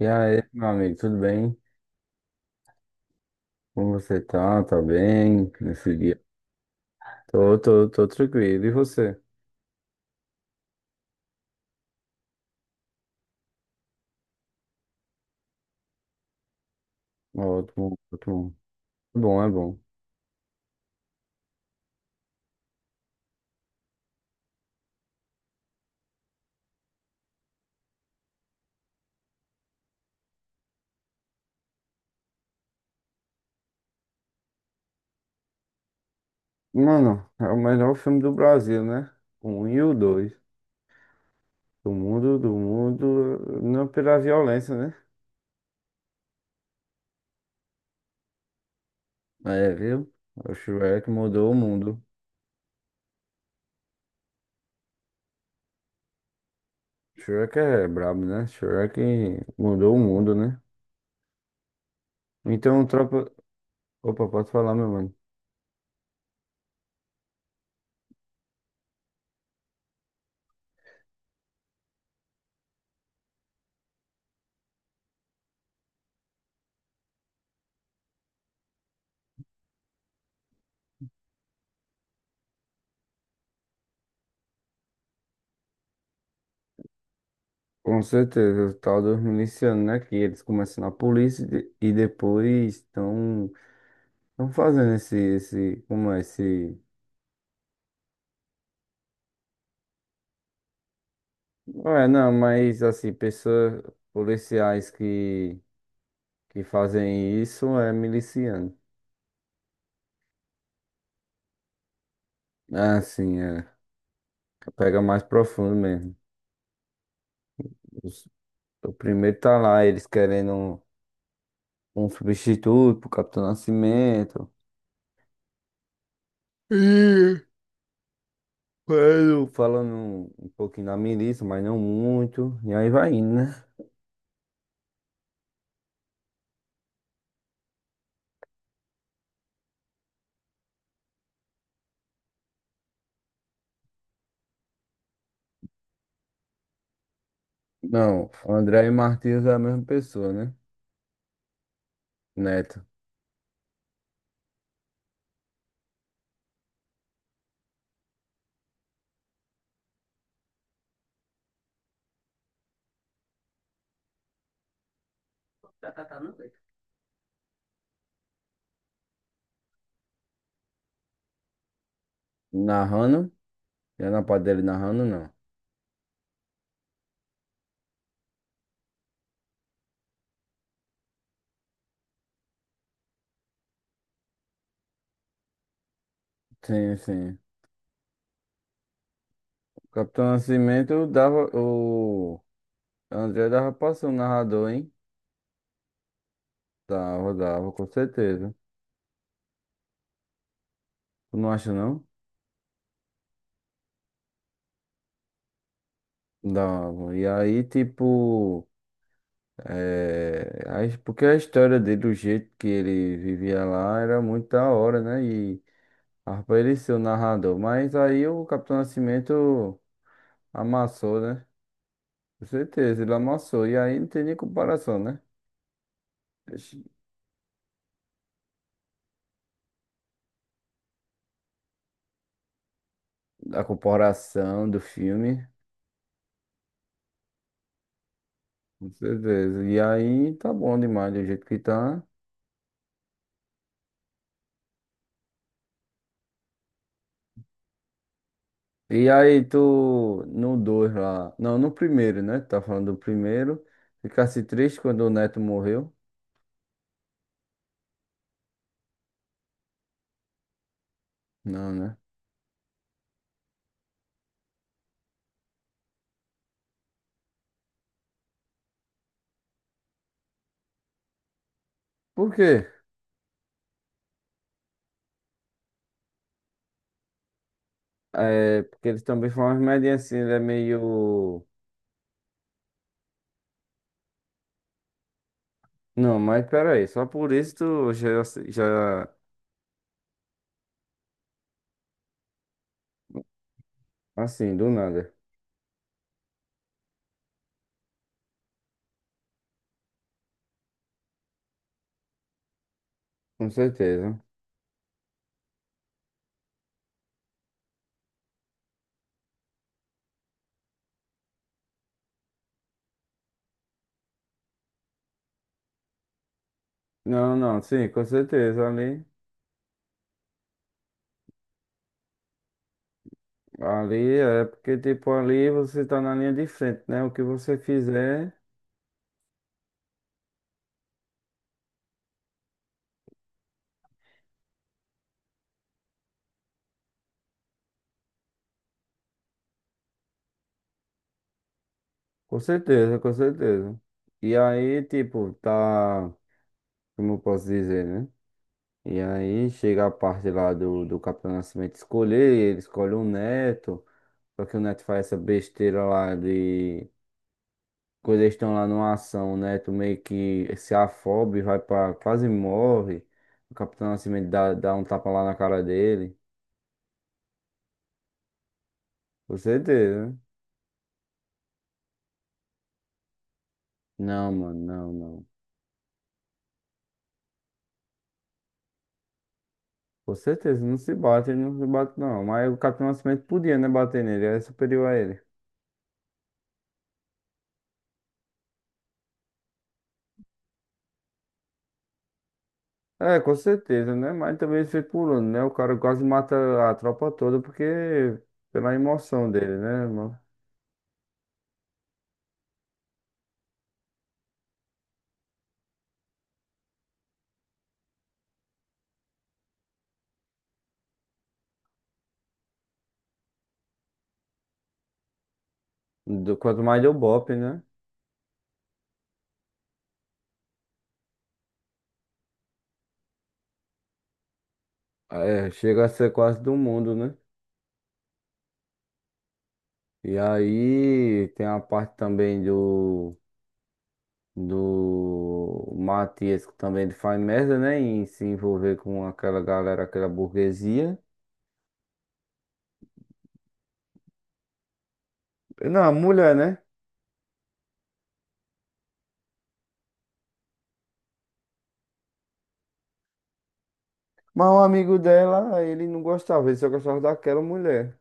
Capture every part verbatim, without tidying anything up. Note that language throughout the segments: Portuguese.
E aí, meu amigo, tudo bem? Como você tá? Tá bem nesse dia? Tô, tô, tô tranquilo. E você? Ótimo, ótimo. É bom, é bom. Mano, é o melhor filme do Brasil, né? O um e o dois. Do mundo, do mundo, não pela violência, né? É, viu? O Shrek mudou o mundo. Shrek é brabo, né? Shrek mudou o mundo, né? Então, tropa. Opa, pode falar, meu mano? Com certeza, o tal dos milicianos, né? Que eles começam na polícia e de- e depois estão estão fazendo esse, esse, como é, esse... Não é, não, mas assim, pessoas, policiais que, que fazem isso é miliciano. Ah, sim, é. Pega mais profundo mesmo. Os- o primeiro tá lá, eles querendo um, um substituto pro Capitão Nascimento. Eu falando um, um pouquinho da milícia, mas não muito. E aí vai indo, né? Não, André e Martins é a mesma pessoa, né? Neto. Narrando? Já na parte dele narrando, não. Sim, sim. Capitão Nascimento dava. O André dava pra ser um narrador, hein? Dava, dava, com certeza. Tu não acha, não? Dava. E aí, tipo. É... aí, Porque a história dele, o jeito que ele vivia lá, era muito da hora, né? E dava pra ele ser o narrador. Mas aí o Capitão Nascimento amassou, né? Com certeza, ele amassou. E aí não tem nem comparação, né? A comparação do filme, com certeza. E aí tá bom demais do jeito que tá. E aí tu, no dois lá, não, no primeiro, né? Tá falando do primeiro. Ficasse triste quando o Neto morreu? Não, né? Por quê? É, porque ele também foi uma remédio assim, ele é meio... Não, mas pera aí só por isso tu já, já, assim, do nada. Com certeza. Não, não, sim, com certeza, ali. Ali é porque, tipo, ali você tá na linha de frente, né? O que você fizer, com certeza, com certeza. E aí, tipo, tá, como eu posso dizer, né? E aí chega a parte lá do, do Capitão Nascimento escolher, ele escolhe o neto, só que o neto faz essa besteira lá de. Quando eles estão lá numa ação, o neto meio que se afobe, vai pra. Quase morre. O Capitão Nascimento dá, dá um tapa lá na cara dele. Com certeza, né? Não, mano, não, não. Com certeza, não se bate, ele não se bate não. Mas o Capitão Nascimento podia, né, bater nele, era superior a ele. É, com certeza, né? Mas também ele foi pulando, né? O cara quase mata a tropa toda porque pela emoção dele, né, mano? Do- Quanto mais deu bope, né? É, chega a ser quase do mundo, né? E aí tem a parte também do do Matias que também ele faz merda, né? Em se envolver com aquela galera, aquela burguesia. Não, a mulher, né? Mas um amigo dela, ele não gostava, ele só gostava daquela mulher.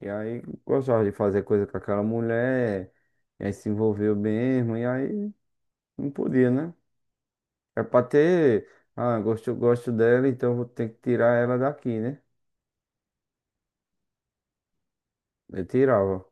E aí gostava de fazer coisa com aquela mulher, e aí se envolveu mesmo, e aí não podia, né? É pra ter, ah, gosto, gosto dela, então vou ter que tirar ela daqui, né? Eu tirava.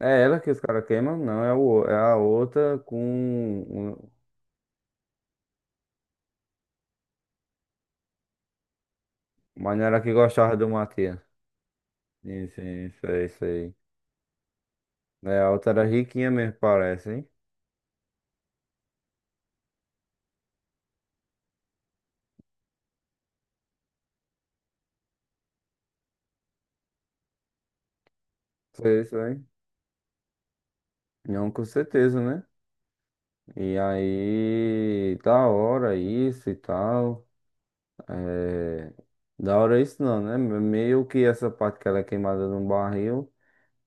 É ela que os caras queimam? Não, é, o, é a outra com. um- Mas não era a que gostava do Matias. Isso, isso, é isso aí. É, a outra era riquinha mesmo, parece, hein? Foi isso aí. Não, com certeza, né? E aí, da hora isso e tal. É, da hora isso não, né? Meio que essa parte que ela é queimada no barril,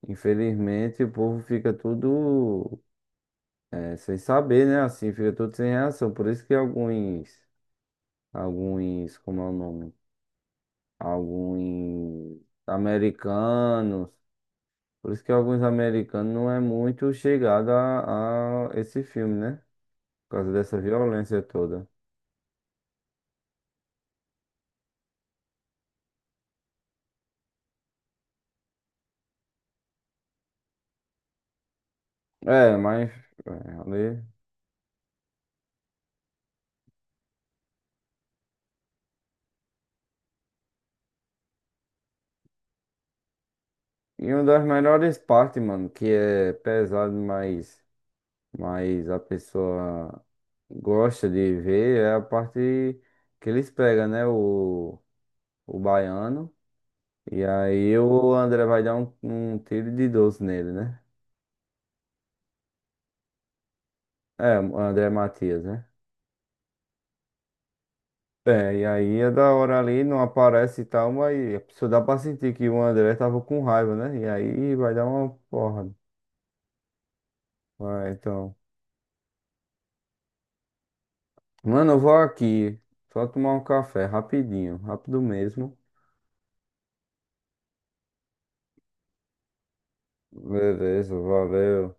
infelizmente o povo fica tudo é, sem saber, né? Assim, fica tudo sem reação. Por isso que alguns, alguns, como é o nome? Alguns americanos. Por isso que alguns americanos não é muito chegado a, a esse filme, né? Por causa dessa violência toda. É, mas é, ali. E uma das melhores partes, mano, que é pesado, mas, mas a pessoa gosta de ver, é a parte que eles pegam, né? O, o baiano. E aí o André vai dar um, um tiro de doze nele, né? É, o André Matias, né? É, e aí é da hora ali, não aparece e tal, mas a pessoa dá pra sentir que o André tava com raiva, né? E aí vai dar uma porra. Vai, então. Mano, eu vou aqui. Só tomar um café, rapidinho, rápido mesmo. Beleza, valeu.